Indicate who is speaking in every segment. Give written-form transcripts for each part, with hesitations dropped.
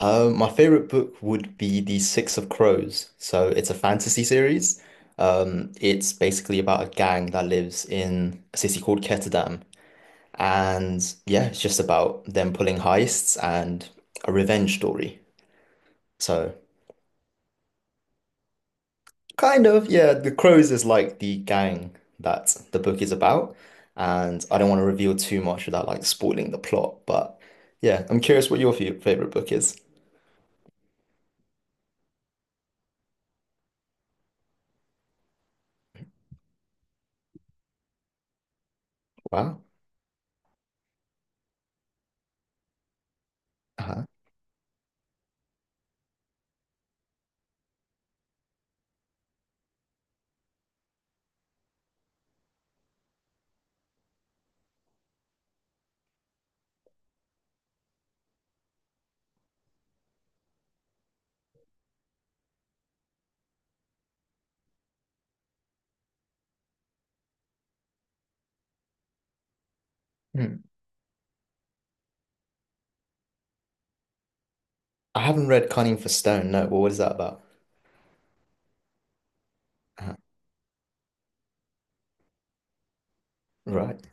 Speaker 1: My favorite book would be The Six of Crows. So it's a fantasy series. It's basically about a gang that lives in a city called Ketterdam. And, yeah, it's just about them pulling heists and a revenge story. So kind of, yeah, The Crows is like the gang that the book is about. And I don't want to reveal too much without like spoiling the plot, but yeah, I'm curious what your favorite book is. Wow. Uh-huh. I haven't read Cunning for Stone. No, well, what is that about? Uh, right.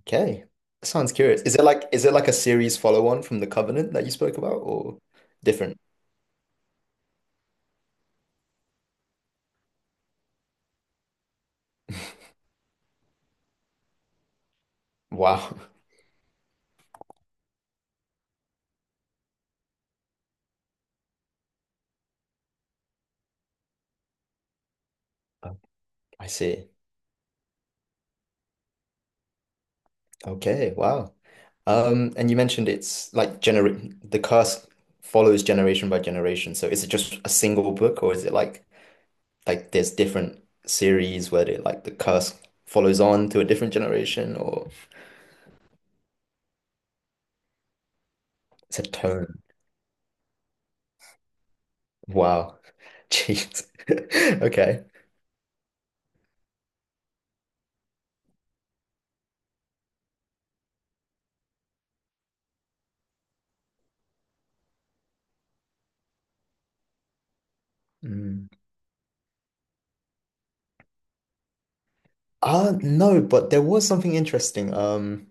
Speaker 1: Okay. That sounds curious. Is it like a series follow-on from The Covenant that you spoke about or different? Wow. Oh, I see. Okay, wow. And you mentioned it's like gener the curse follows generation by generation. So is it just a single book or is it like there's different series where they like the curse follows on to a different generation or it's a tone. Wow. Jeez. Okay. Mm. No, but there was something interesting.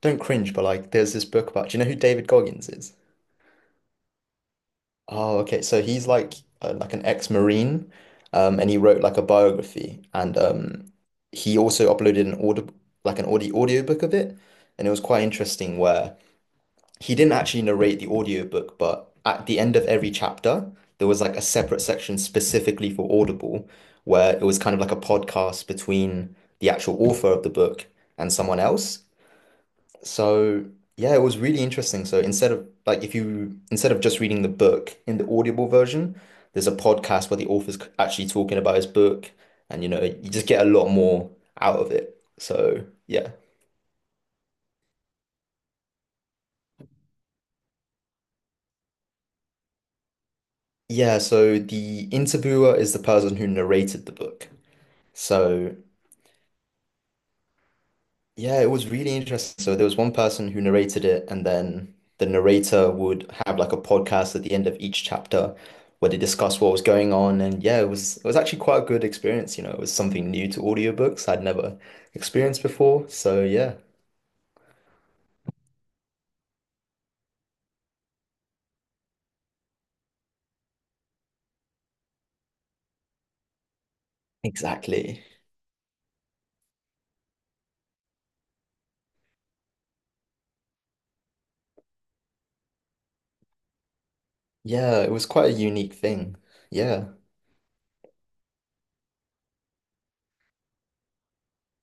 Speaker 1: Don't cringe, but like there's this book about, do you know who David Goggins is? Oh, okay. So he's like an ex-Marine, and he wrote like a biography, and he also uploaded an audio like an audio audiobook of it, and it was quite interesting where he didn't actually narrate the audiobook, but at the end of every chapter, there was like a separate section specifically for Audible where it was kind of like a podcast between the actual author of the book and someone else. So, yeah, it was really interesting. So, instead of like if you instead of just reading the book in the Audible version, there's a podcast where the author's actually talking about his book and you just get a lot more out of it. So, yeah. Yeah, so the interviewer is the person who narrated the book. So yeah, it was really interesting. So there was one person who narrated it, and then the narrator would have like a podcast at the end of each chapter where they discuss what was going on. And yeah, it was actually quite a good experience. You know, it was something new to audiobooks I'd never experienced before. So yeah, exactly. Yeah, it was quite a unique thing. Yeah.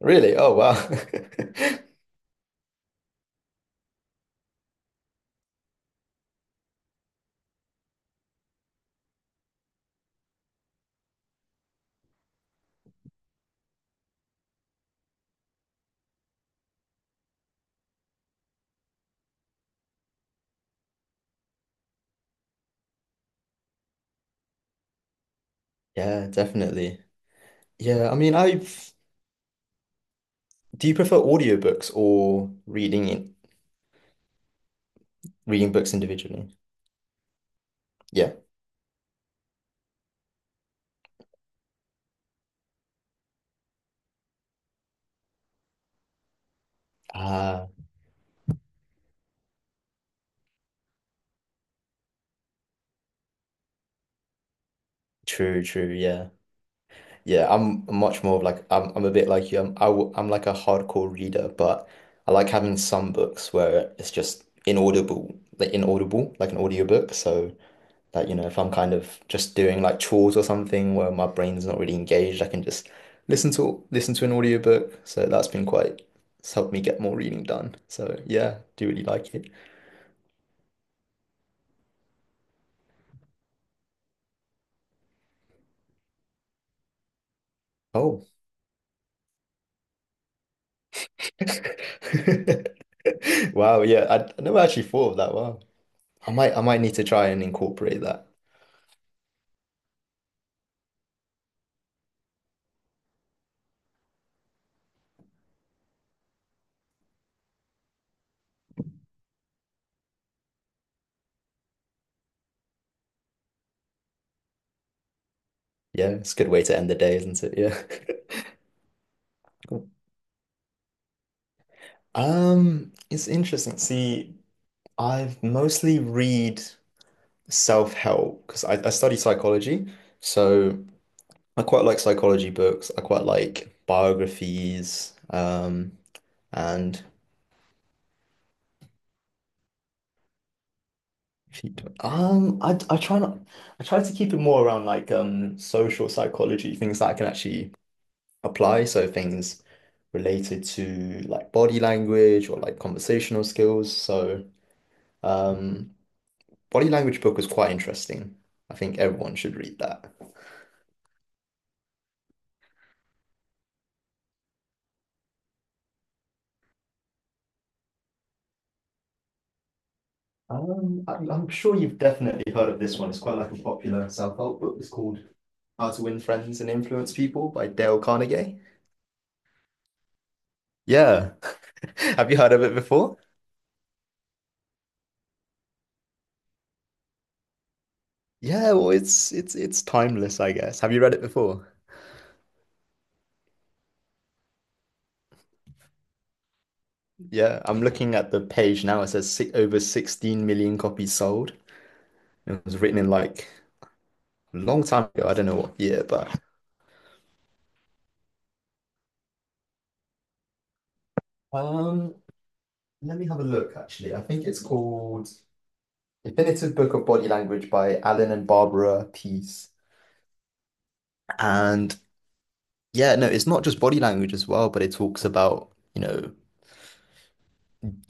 Speaker 1: Really? Oh wow. Yeah, definitely. Yeah, I mean, I've do you prefer audiobooks or reading books individually? Yeah. Ah, true, true. Yeah. Yeah, I'm a bit like you. I'm I w I'm like a hardcore reader, but I like having some books where it's just inaudible, like an audiobook. So that, if I'm kind of just doing like chores or something where my brain's not really engaged, I can just listen to an audiobook. So that's been quite it's helped me get more reading done. So yeah, do really like it. Oh. Wow, yeah, I never actually thought of that. Wow. I might need to try and incorporate that. Yeah, it's a good way to end the day, isn't it? Yeah. Cool. It's interesting. See, I've mostly read self-help because I study psychology, so I quite like psychology books. I quite like biographies, and if you do- I try not I try to keep it more around like social psychology, things that I can actually apply. So things related to like body language or like conversational skills. So um, body language book was quite interesting. I think everyone should read that. I'm sure you've definitely heard of this one. It's quite like a popular self-help book. It's called How to Win Friends and Influence People by Dale Carnegie. Yeah. Have you heard of it before? Yeah, well, it's timeless, I guess. Have you read it before? Yeah, I'm looking at the page now. It says si over 16 million copies sold. It was written in like a long time ago. I don't know what year, but um, let me have a look actually. I think it's called Definitive Book of Body Language by Alan and Barbara Pease. And yeah, no, it's not just body language as well, but it talks about,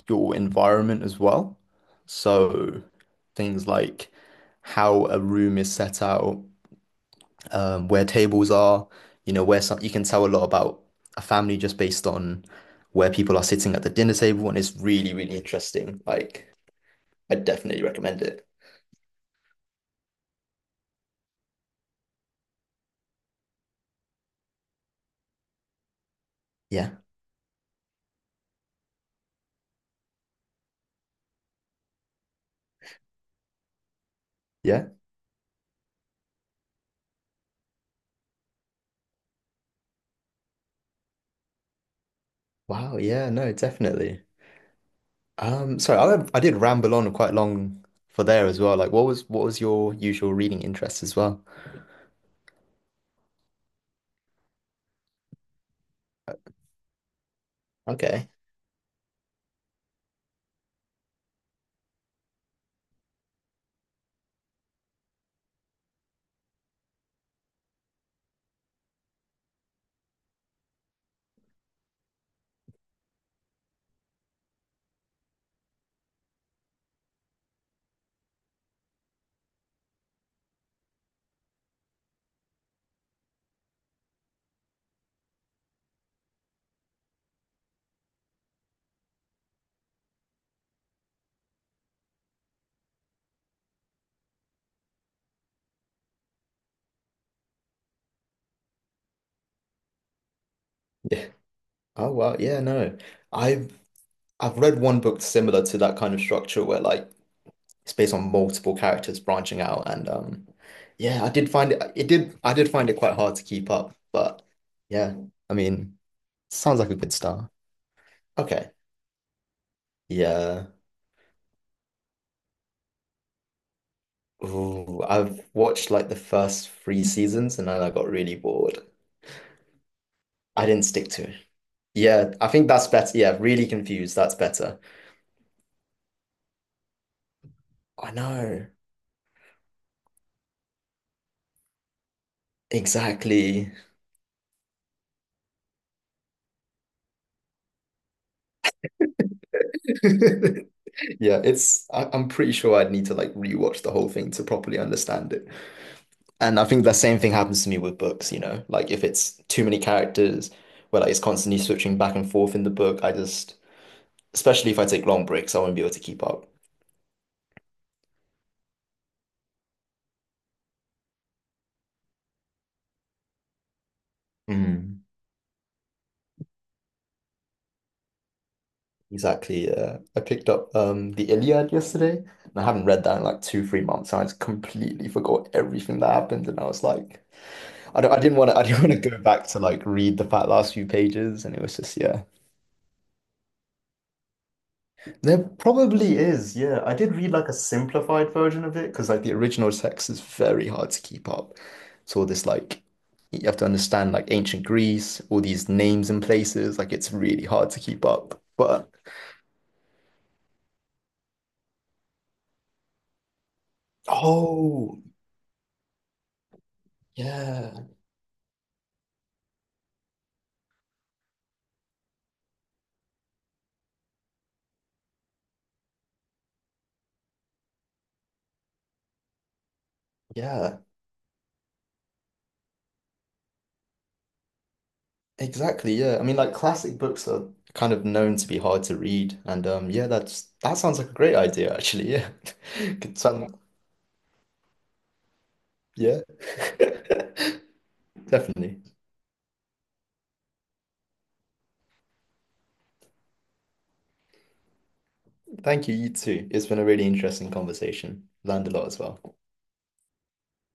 Speaker 1: your environment as well. So things like how a room is set out, where tables are, you know, where some you can tell a lot about a family just based on where people are sitting at the dinner table, and it's really, really interesting. Like, I definitely recommend it. Yeah, yeah. Wow, yeah, no, definitely. Sorry, I did ramble on quite long for there as well. Like, what was your usual reading interest as well? Okay. Yeah. Oh wow, yeah, no. I've I've read one book similar to that kind of structure where like it's based on multiple characters branching out and yeah, I did find it quite hard to keep up, but yeah, I mean, sounds like a good start. Okay, yeah. Ooh, I've watched like the first three seasons and then I got really bored. I didn't stick to it. Yeah, I think that's better. Yeah, really confused, that's better. I know, exactly. Yeah, I'm pretty sure I'd need to like rewatch the whole thing to properly understand it. And I think the same thing happens to me with books, you know, like if it's too many characters where like it's constantly switching back and forth in the book, especially if I take long breaks, I won't be able to keep up. Mm. Exactly. I picked up the Iliad yesterday, and I haven't read that in like two, 3 months, and I just completely forgot everything that happened, and I was like, I didn't want to go back to like read the fat last few pages, and it was just yeah. There probably is, yeah. I did read like a simplified version of it because like the original text is very hard to keep up. It's all this like you have to understand like ancient Greece, all these names and places, like it's really hard to keep up. But oh, yeah, yeah, exactly, yeah. I mean like classic books are kind of known to be hard to read. And yeah, that sounds like a great idea actually, yeah. Could sound, yeah. Definitely. Thank you, you too. It's been a really interesting conversation. Learned a lot as well.